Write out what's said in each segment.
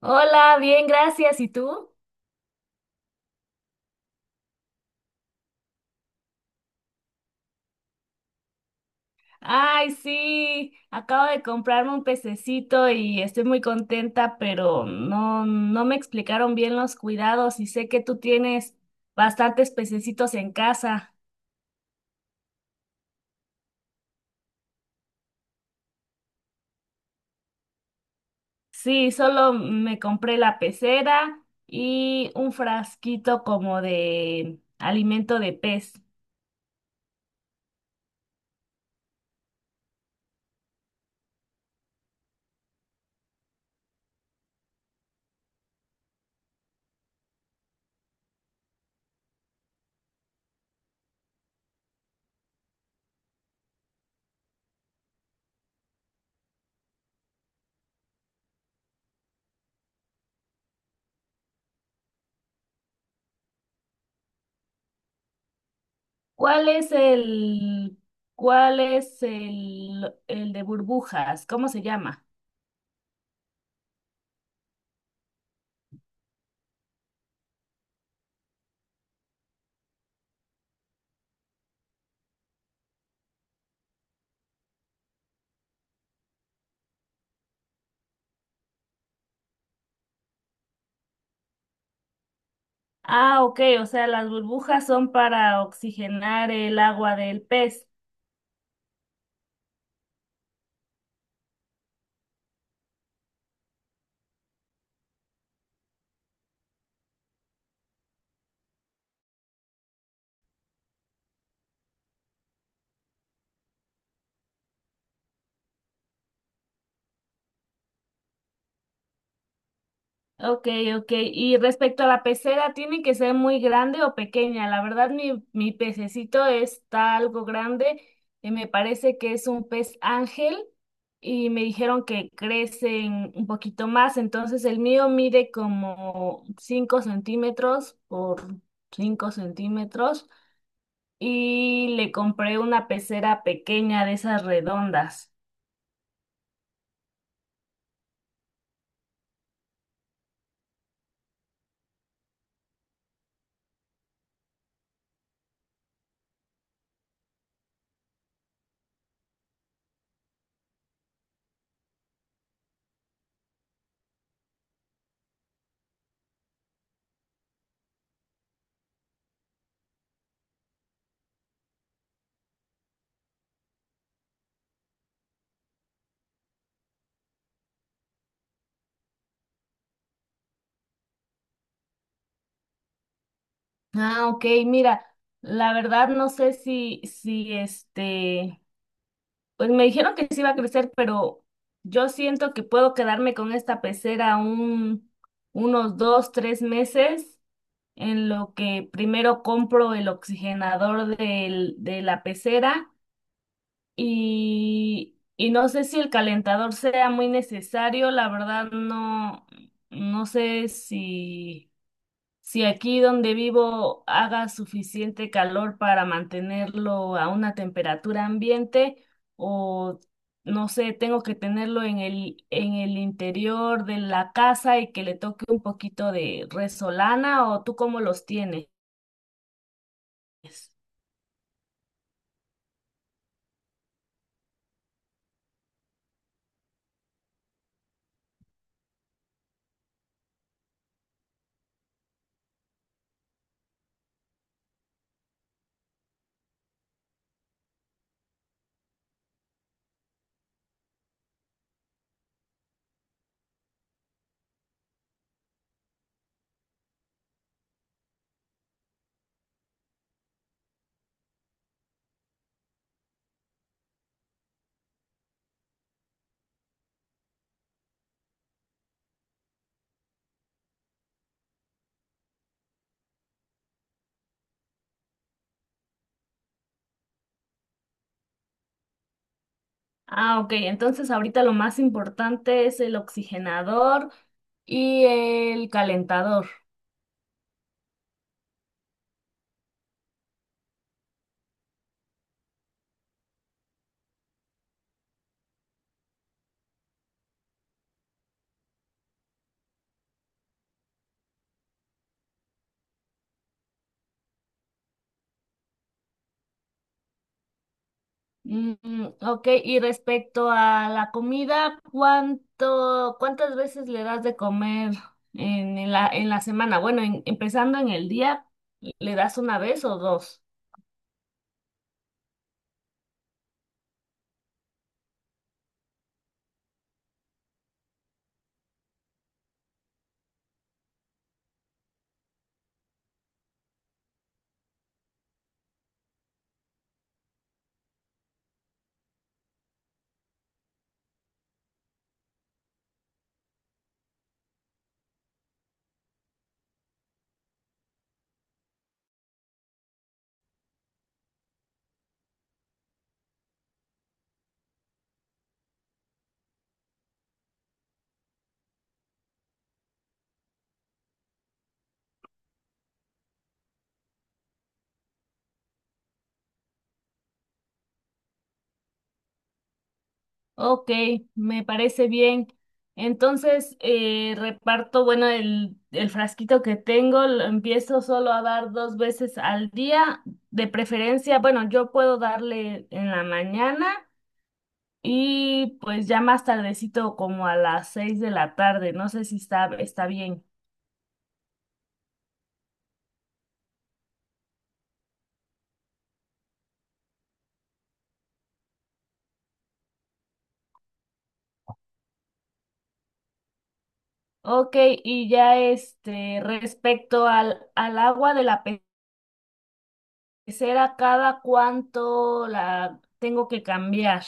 Hola, bien, gracias. ¿Y tú? Ay, sí, acabo de comprarme un pececito y estoy muy contenta, pero no me explicaron bien los cuidados y sé que tú tienes bastantes pececitos en casa. Sí, solo me compré la pecera y un frasquito como de alimento de pez. ¿Cuál es el de burbujas? ¿Cómo se llama? Ah, ok, o sea, las burbujas son para oxigenar el agua del pez. Ok, ok. Y respecto a la pecera, ¿tiene que ser muy grande o pequeña? La verdad, mi pececito está algo grande. Me parece que es un pez ángel y me dijeron que crecen un poquito más. Entonces, el mío mide como 5 centímetros por 5 centímetros y le compré una pecera pequeña de esas redondas. Ah, ok, mira, la verdad no sé si este, pues me dijeron que sí iba a crecer, pero yo siento que puedo quedarme con esta pecera unos dos, tres meses, en lo que primero compro el oxigenador de la pecera y no sé si el calentador sea muy necesario, la verdad no, no sé si... Si aquí donde vivo haga suficiente calor para mantenerlo a una temperatura ambiente o no sé, tengo que tenerlo en en el interior de la casa y que le toque un poquito de resolana o tú cómo los tienes. Ah, ok, entonces ahorita lo más importante es el oxigenador y el calentador. Mm, ok, y respecto a la comida, ¿cuánto, cuántas veces le das de comer en en la semana? Bueno, en- empezando en el día, ¿le das una vez o dos? Ok, me parece bien. Entonces, reparto, bueno, el frasquito que tengo, lo empiezo solo a dar dos veces al día, de preferencia, bueno, yo puedo darle en la mañana. Y pues ya más tardecito, como a las 6 de la tarde, no sé si está bien. Ok, y ya este, respecto al agua de la pecera, ¿cada cuánto la tengo que cambiar?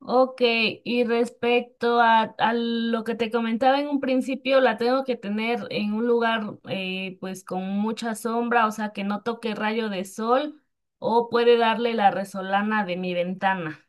Ok, y respecto a lo que te comentaba en un principio, la tengo que tener en un lugar pues con mucha sombra, o sea, que no toque rayo de sol, o puede darle la resolana de mi ventana.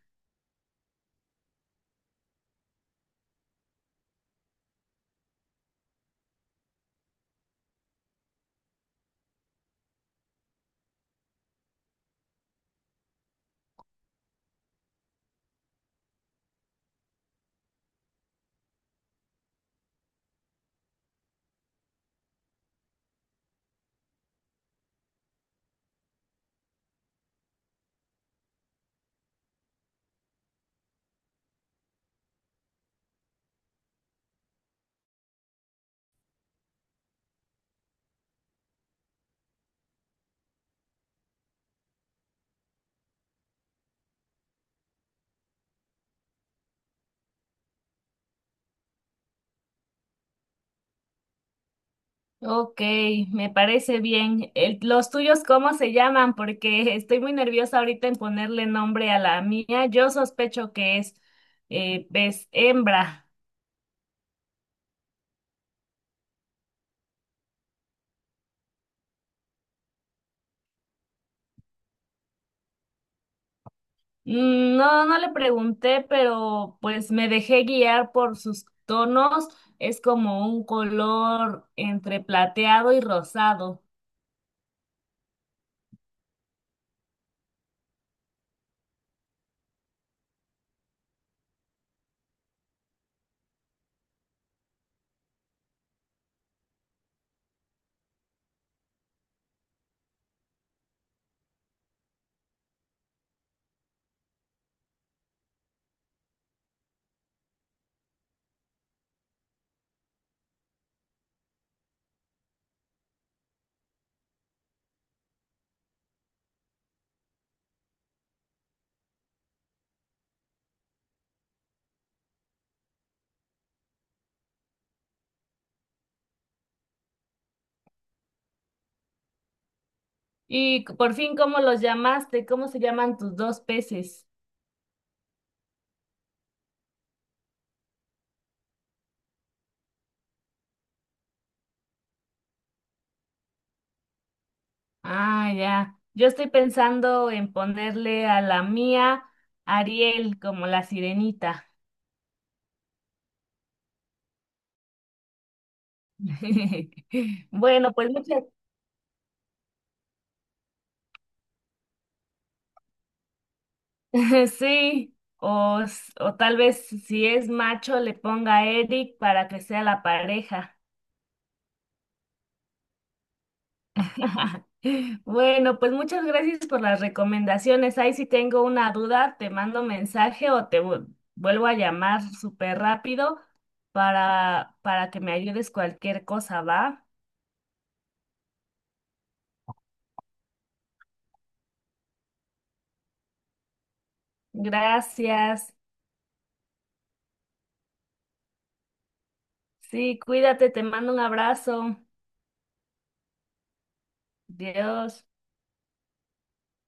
Ok, me parece bien. El- ¿los tuyos cómo se llaman? Porque estoy muy nerviosa ahorita en ponerle nombre a la mía. Yo sospecho que es pez hembra. Mm, no, no le pregunté, pero pues me dejé guiar por sus tonos. Es como un color entre plateado y rosado. Y por fin, ¿cómo los llamaste? ¿Cómo se llaman tus dos peces? Ah, ya. Yo estoy pensando en ponerle a la mía Ariel como la sirenita. Bueno, pues muchas. Sí. O, s- o tal vez si es macho le ponga a Eric para que sea la pareja. Bueno, pues muchas gracias por las recomendaciones. Ahí si tengo una duda, te mando mensaje o te vuelvo a llamar súper rápido para que me ayudes cualquier cosa, ¿va? Gracias. Sí, cuídate, te mando un abrazo. Dios.